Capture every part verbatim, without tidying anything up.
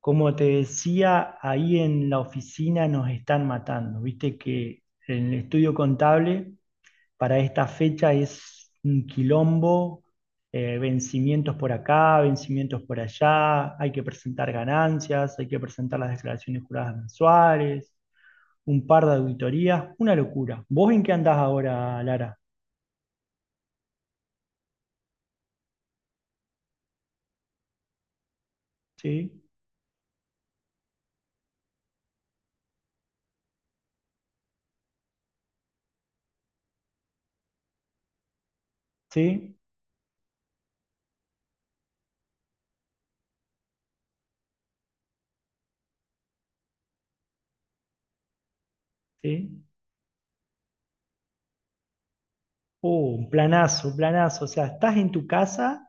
Como te decía, ahí en la oficina nos están matando. Viste que el estudio contable para esta fecha es un quilombo, eh, vencimientos por acá, vencimientos por allá, hay que presentar ganancias, hay que presentar las declaraciones juradas mensuales, un par de auditorías, una locura. ¿Vos en qué andás ahora, Lara? ¿Sí? ¿Sí? ¿Sí? Oh, un planazo, planazo. O sea, estás en tu casa.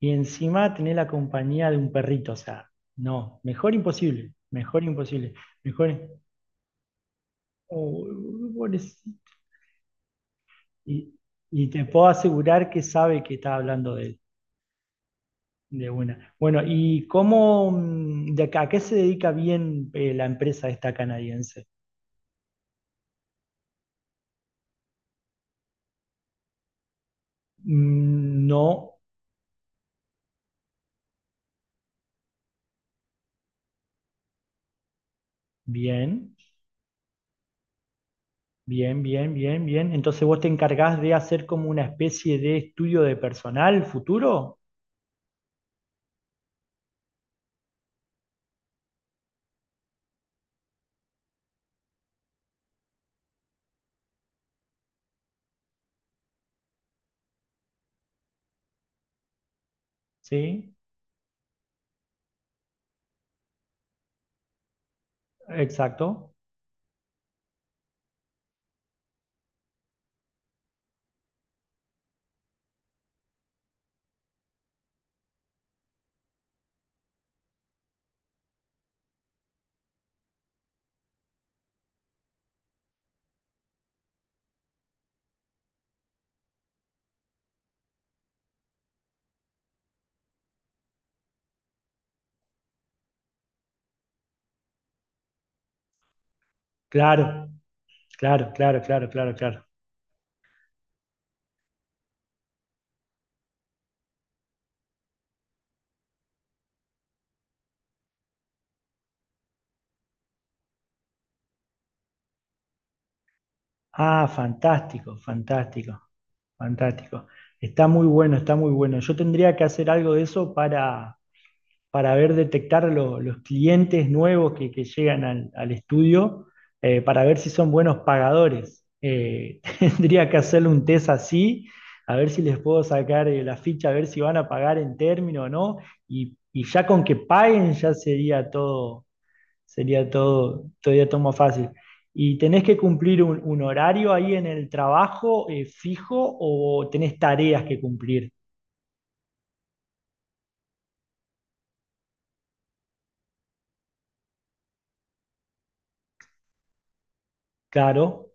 Y encima tener la compañía de un perrito, o sea, no, mejor imposible, mejor imposible, mejor... Oh, pobrecito. Y, y te puedo asegurar que sabe que está hablando de él, de una. Bueno, ¿y cómo, mm, de acá, a qué se dedica bien eh, la empresa esta canadiense? Mm. No, bien, bien, bien, bien, bien. Entonces vos te encargás de hacer como una especie de estudio de personal futuro, ¿sí? Exacto. Claro, claro, claro, claro, claro, claro. Ah, fantástico, fantástico, fantástico. Está muy bueno, está muy bueno. Yo tendría que hacer algo de eso para, para ver detectar lo- los clientes nuevos que, que llegan al, al estudio, eh, para ver si son buenos pagadores. Eh, tendría que hacerle un test así, a ver si les puedo sacar eh, la ficha, a ver si van a pagar en término o no. Y, y ya con que paguen ya sería todo, sería todo, todavía todo más fácil. ¿Y tenés que cumplir un, un horario ahí en el trabajo eh, fijo o tenés tareas que cumplir? Claro,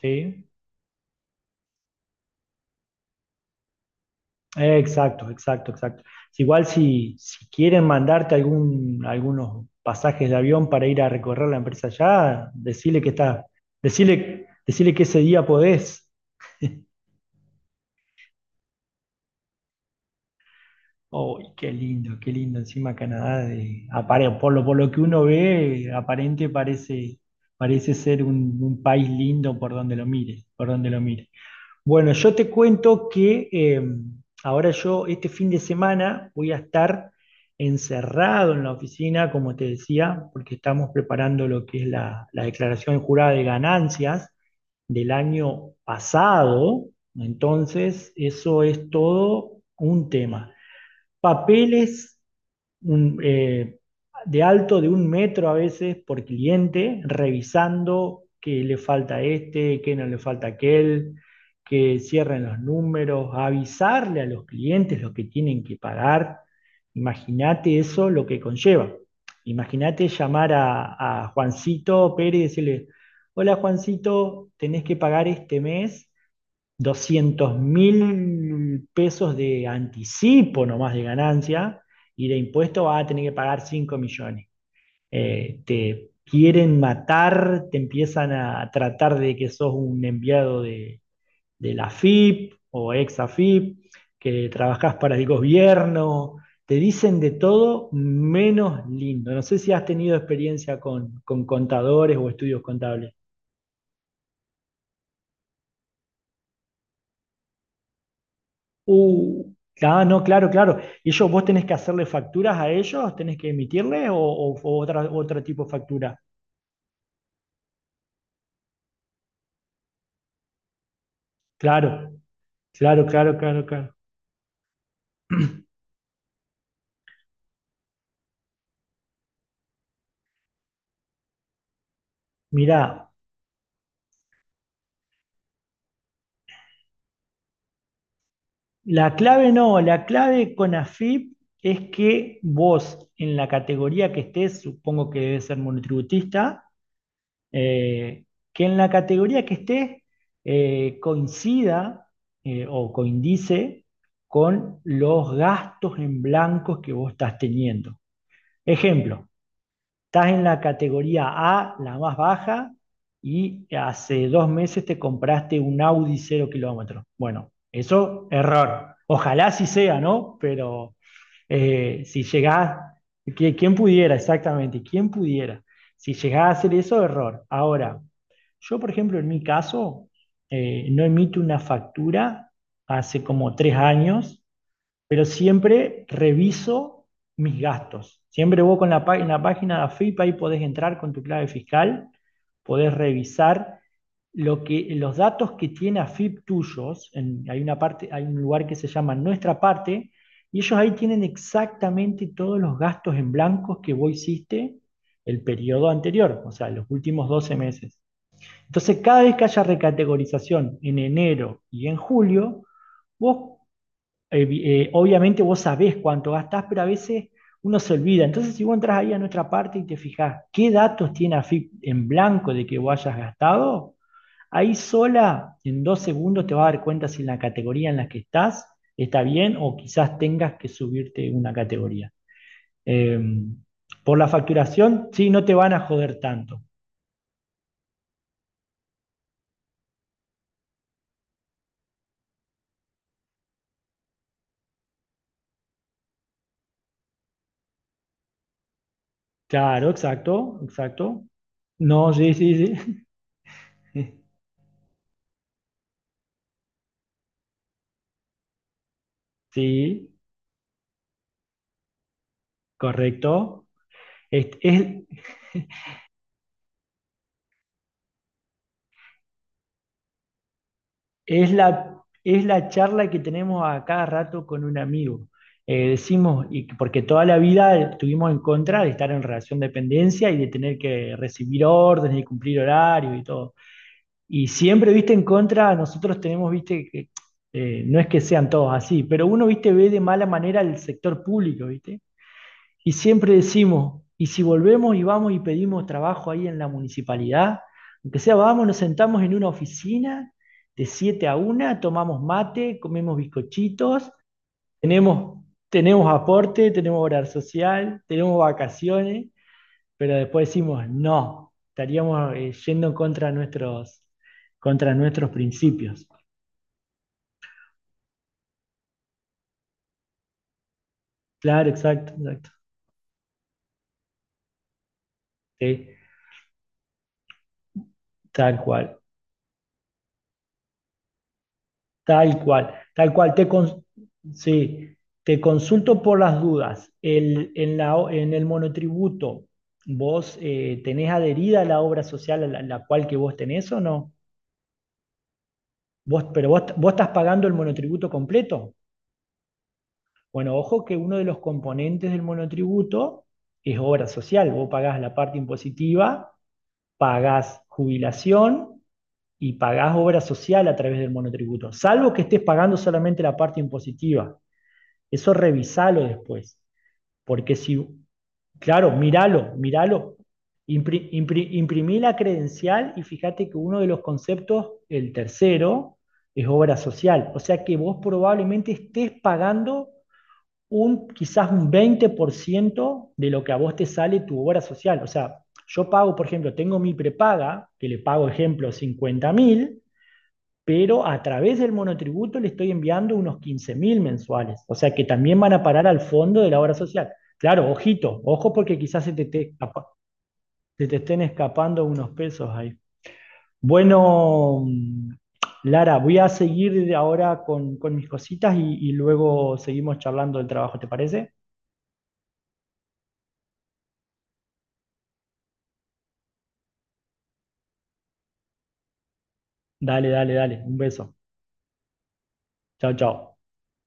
sí. Eh, Exacto, exacto, exacto. Es Igual si, si quieren mandarte algún, algunos pasajes de avión para ir a recorrer la empresa allá, decirle que está, decirle, decirle que ese día podés. Oh, qué lindo, qué lindo. Encima Canadá, de, apare- por lo, por lo que uno ve, aparente parece, parece ser un, un país lindo por donde lo mire, por donde lo mire. Bueno, yo te cuento que eh, ahora yo este fin de semana voy a estar encerrado en la oficina, como te decía, porque estamos preparando lo que es la, la declaración jurada de ganancias del año pasado. Entonces, eso es todo un tema papeles un, eh, de alto de un metro a veces por cliente, revisando que le falta a este, que no le falta a aquel, que cierren los números, avisarle a los clientes lo que tienen que pagar. Imagínate eso lo que conlleva. Imagínate llamar a, a Juancito Pérez y decirle, hola Juancito, tenés que pagar este mes doscientos mil pesos de anticipo nomás de ganancia y de impuesto vas a tener que pagar cinco millones. Eh, te quieren matar, te empiezan a tratar de que sos un enviado de, de la F I P o ex AFIP, que trabajás para el gobierno, te dicen de todo menos lindo. No sé si has tenido experiencia con, con contadores o estudios contables. Uh, ah, no, claro, claro. ¿Y ellos vos tenés que hacerle facturas a ellos? ¿Tenés que emitirle o, o- o otra, otro tipo de factura? Claro, claro, claro, claro, claro. Mirá, la clave no, la clave con AFIP es que vos en la categoría que estés, supongo que debes ser monotributista, eh, que en la categoría que estés eh, coincida eh, o coincide con los gastos en blancos que vos estás teniendo. Ejemplo, estás en la categoría A, la más baja, y hace dos meses te compraste un Audi cero kilómetros. Bueno, eso, error. Ojalá sí sea, ¿no? Pero eh, si llegás, que- ¿quién pudiera exactamente? ¿Quién pudiera? Si llegás a hacer eso, error. Ahora, yo, por ejemplo, en mi caso, eh, no emito una factura hace como tres años pero siempre reviso mis gastos. Siempre vos con la, en la página de AFIP ahí podés entrar con tu clave fiscal, podés revisar lo que, los datos que tiene AFIP tuyos. En- hay una parte, hay un lugar que se llama Nuestra Parte, y ellos ahí tienen exactamente todos los gastos en blancos que vos hiciste el periodo anterior, o sea, los últimos doce meses. Entonces, cada vez que haya recategorización en enero y en julio, vos eh, eh, obviamente vos sabés cuánto gastás, pero a veces uno se olvida. Entonces, si vos entras ahí a nuestra parte y te fijás qué datos tiene AFIP en blanco de que vos hayas gastado, ahí sola, en dos segundos, te vas a dar cuenta si en la categoría en la que estás está bien o quizás tengas que subirte una categoría. Eh, por la facturación, sí, no te van a joder tanto. Claro, exacto, exacto. No, sí, sí, sí. Sí, correcto. Es, es, Es la, es la charla que tenemos a cada rato con un amigo. Eh, decimos, y que- porque toda la vida estuvimos en contra de estar en relación de dependencia y de tener que recibir órdenes y cumplir horarios y todo. Y siempre, viste, en contra, nosotros tenemos, viste, que eh, no es que sean todos así, pero uno, viste, ve de mala manera el sector público, viste. Y siempre decimos, y si volvemos y vamos y pedimos trabajo ahí en la municipalidad, aunque sea, vamos, nos sentamos en una oficina de siete a una tomamos mate, comemos bizcochitos, tenemos, tenemos aporte, tenemos horario social, tenemos vacaciones, pero después decimos, no, estaríamos eh, yendo contra nuestros, contra nuestros principios. Claro, exacto, exacto. Sí, tal cual. Tal cual, tal cual. Te con- sí, te consulto por las dudas. El- en la o- en el monotributo, ¿vos eh, tenés adherida la obra social a la, la cual que vos tenés o no? Vos, pero vos, vos estás pagando el monotributo completo. Bueno, ojo que uno de los componentes del monotributo es obra social. Vos pagás la parte impositiva, pagás jubilación y pagás obra social a través del monotributo, salvo que estés pagando solamente la parte impositiva. Eso revisalo después, porque si, claro, míralo, míralo, impri, impri, imprimí la credencial y fíjate que uno de los conceptos, el tercero, es obra social. O sea que vos probablemente estés pagando un, quizás un veinte por ciento de lo que a vos te sale tu obra social. O sea, yo pago, por ejemplo, tengo mi prepaga, que le pago, ejemplo, cincuenta mil, pero a través del monotributo le estoy enviando unos quince mil mensuales, o sea que también van a parar al fondo de la obra social. Claro, ojito, ojo porque quizás se te, te se te estén escapando unos pesos ahí. Bueno, mm, Lara, voy a seguir ahora con, con mis cositas y, y luego seguimos charlando del trabajo, ¿te parece? Dale, dale, dale, un beso. Chao, chao.